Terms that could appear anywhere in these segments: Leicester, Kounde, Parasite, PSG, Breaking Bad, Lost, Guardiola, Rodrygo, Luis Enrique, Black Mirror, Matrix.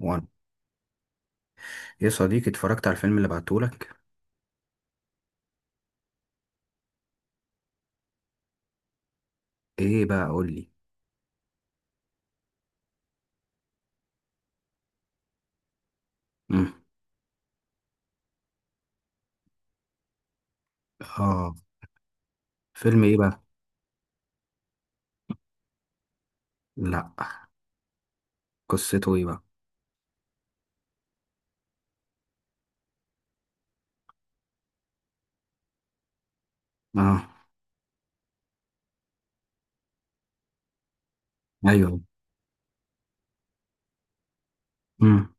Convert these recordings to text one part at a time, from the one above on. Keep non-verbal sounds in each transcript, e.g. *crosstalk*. وانا، يا صديقي، اتفرجت على الفيلم اللي بعتهولك. ايه بقى؟ قول لي. امم. اه فيلم ايه بقى؟ لا. قصته ايه بقى؟ اه. ايوه. امم.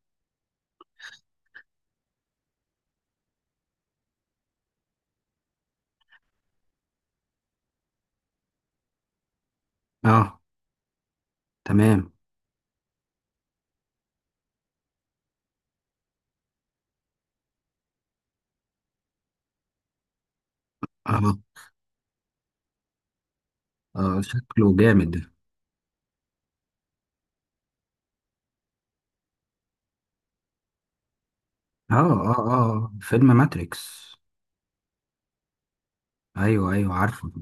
اه. تمام. اه. اه، شكله جامد. اه، اه، اه، فيلم ماتريكس. ايوه، ايوه، عارفه.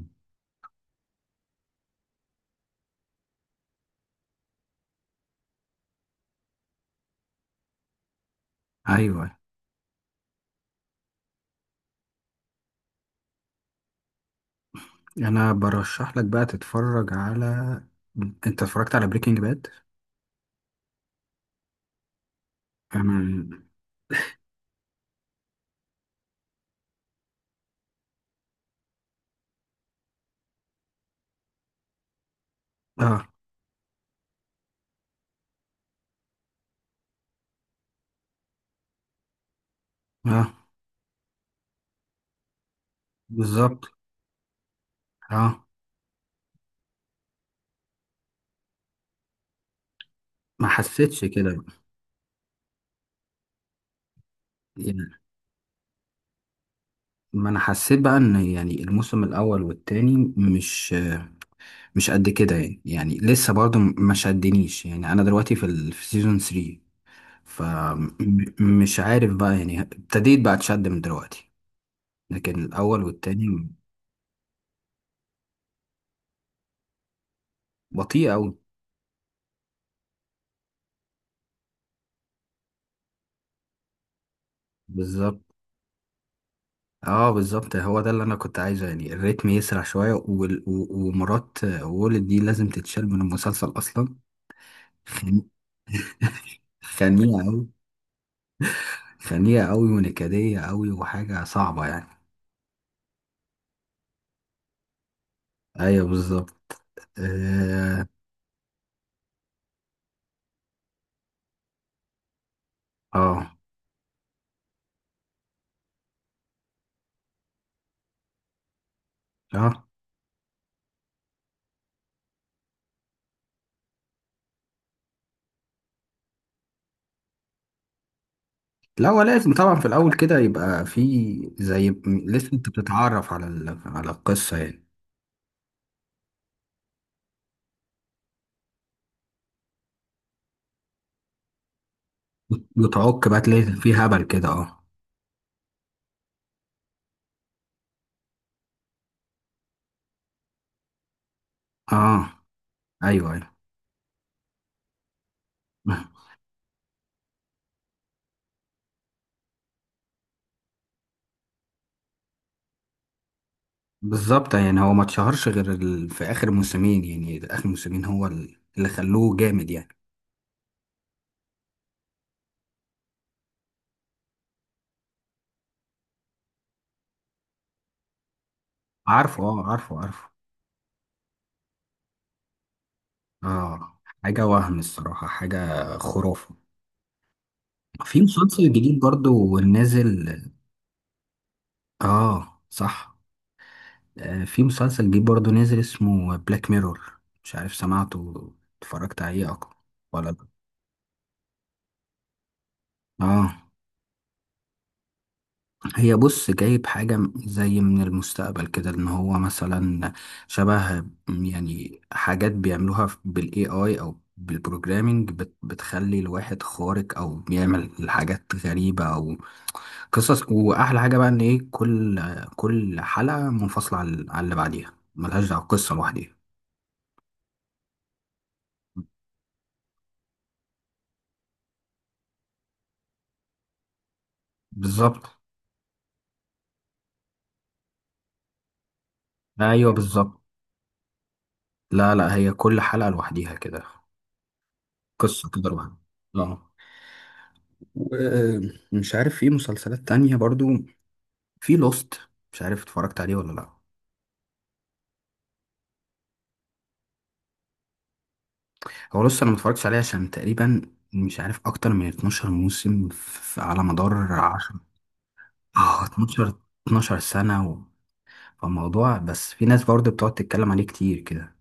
ايوه. انا برشح لك بقى تتفرج على. انت اتفرجت على بريكنج باد؟ انا. اه. اه، بالظبط. اه. ما حسيتش كده. ما انا حسيت بقى ان يعني الموسم الاول والتاني مش قد كده، يعني لسه برضه ما شدنيش، يعني انا دلوقتي في سيزون 3، فمش عارف بقى، يعني ابتديت بقى اتشد من دلوقتي. لكن الاول والتاني. بطيء قوي. بالظبط. اه، بالظبط، هو ده اللي انا كنت عايزه، يعني الريتم يسرع شويه، وال... و... ومرات وولد دي لازم تتشال من المسلسل اصلا. خن... خنيقه قوي. *laughs* خنيقه قوي ونكديه قوي وحاجه صعبه يعني. ايوه، بالظبط. اه. اه. آه. لا، هو لازم طبعا في الاول كده يبقى في. لسه انت بتتعرف على القصه يعني. بتعك بقى، تلاقي في هبل كده، اه. اه. ايوه، ايوه، بالظبط، يعني هو ما اتشهرش غير ال... في اخر موسمين، يعني اخر موسمين هو اللي خلوه جامد يعني. عارفه، اه، عارفه، عارفه. اه، حاجه وهم الصراحه، حاجه خرافه. في مسلسل جديد برضو نازل. اه، صح. في مسلسل جديد برضه نازل اسمه بلاك ميرور، مش عارف سمعته اتفرجت عليه أكتر ولا لأ. اه. هي، بص، جايب حاجة زي من المستقبل كده، ان هو مثلا شبه، يعني حاجات بيعملوها بالاي اي او بالبروجرامينج بتخلي الواحد خارق، او بيعمل حاجات غريبة او قصص. واحلى حاجة بقى ان ايه، كل حلقة منفصلة عن اللي بعديها، ملهاش دعوة، قصة لوحديها. بالظبط. ايوه، بالظبط. لا، لا، هي كل حلقة لوحديها كده، قصة كده لوحدها. اه. ومش عارف، في مسلسلات تانية برضو، في لوست، مش عارف اتفرجت عليه ولا لا. هو لوست انا متفرجتش عليه، عشان تقريبا مش عارف، اكتر من 12 موسم، في على مدار 10، اه، 12، 12 سنة. و... فالموضوع بس، في ناس برضو بتقعد تتكلم عليه كتير كده.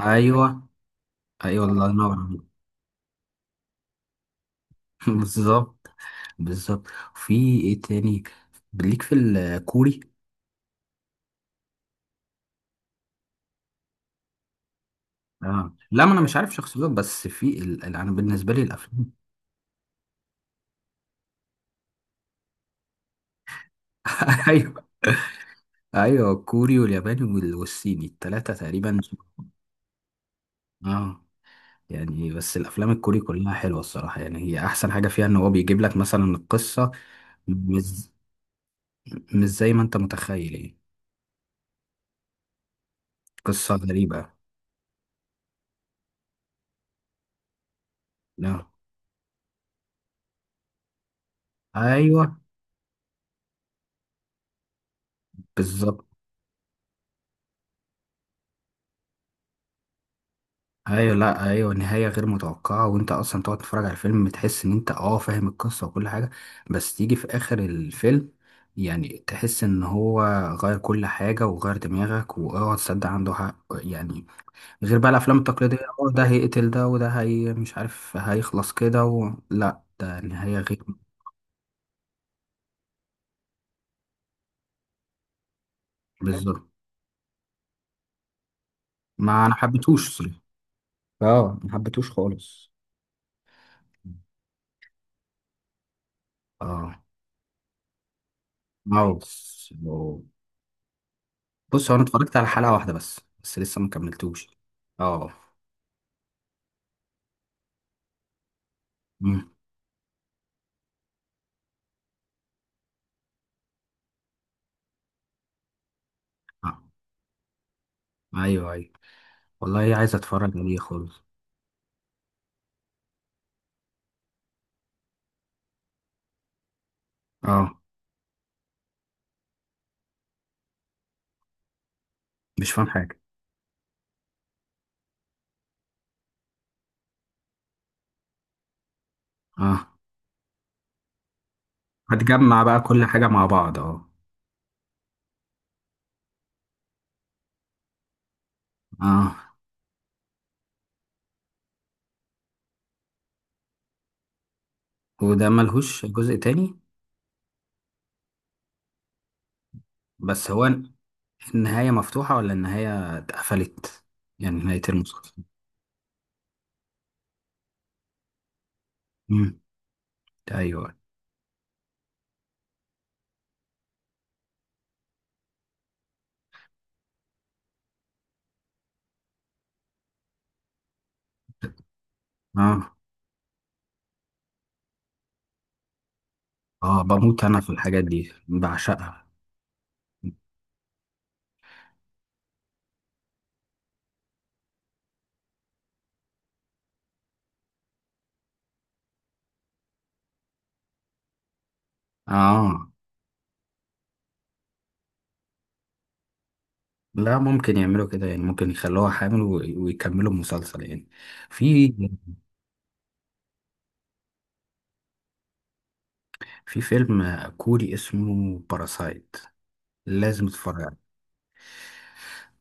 ايوه، ايوه، الله ينور عليك. *laughs* بالظبط. بالظبط. في ايه تاني ليك في الكوري؟ اه، لا، ما انا مش عارف شخصيات، بس انا بالنسبه لي الافلام. *laughs* ايوه، ايوه، الكوري والياباني والصيني، الثلاثه تقريبا. اه. يعني بس الافلام الكوري كلها حلوه الصراحه، يعني هي احسن حاجه فيها ان هو بيجيب لك مثلا القصه مش مش زي ما انت متخيل، يعني قصه غريبه. اه. ايوه، بالظبط. ايوه، لا، ايوه، نهايه غير متوقعه، وانت اصلا تقعد تتفرج على الفيلم، تحس ان انت، اه، فاهم القصه وكل حاجه. بس تيجي في اخر الفيلم، يعني تحس ان هو غير كل حاجه، وغير دماغك، واوعى تصدق، عنده حق يعني. غير بقى الافلام التقليديه، اه، ده هيقتل ده، وده، هي مش عارف هيخلص كده، لا، ده نهايه غير. بالظبط. ما انا حبيتهوش صراحه. اه، ما حبيتهوش خالص. اه. ماوس. بص، هو انا اتفرجت على حلقة واحدة بس لسه ما كملتوش. اه. امم. آه. ايوه، ايوه، والله عايز اتفرج عليه خالص. اه، مش فاهم حاجة. اه، هتجمع بقى كل حاجة مع بعض، اه. اه. وده ملهوش جزء تاني؟ بس هو النهاية مفتوحة ولا النهاية اتقفلت؟ يعني نهاية المسلسل. امم. ايوه. اه. اه، بموت انا في الحاجات دي، بعشقها. اه. لا، ممكن يعملوا كده، يعني ممكن يخلوها حامل ويكملوا المسلسل يعني. في في فيلم كوري اسمه باراسايت، لازم تتفرج عليه.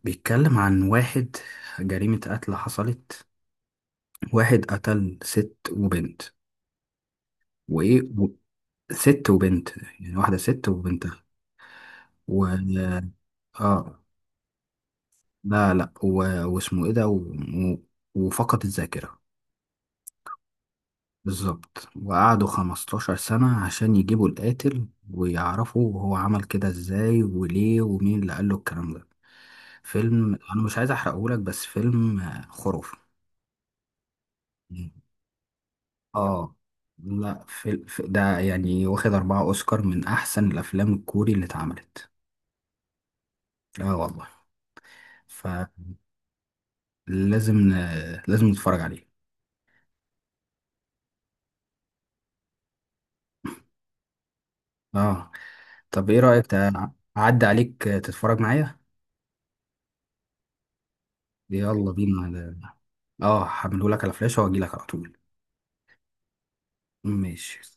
بيتكلم عن واحد، جريمة قتل حصلت، واحد قتل ست وبنت. وإيه و... ست وبنت، يعني واحدة ست وبنتها. و... آه، لا، لا. واسمه إيه ده. و... وفقد الذاكرة. بالظبط، وقعدوا 15 سنة عشان يجيبوا القاتل، ويعرفوا هو عمل كده ازاي وليه، ومين اللي قال له الكلام ده. فيلم انا مش عايز احرقهولك، بس فيلم خرافي. اه. لا، ده يعني واخد أربعة أوسكار، من أحسن الأفلام الكوري اللي اتعملت. اه، والله. فلازم لازم نتفرج عليه. اه. طب ايه رأيك، أعدي عليك تتفرج معايا؟ يلا بينا. اه، هعملهولك على فلاشة واجيلك على طول. ماشي.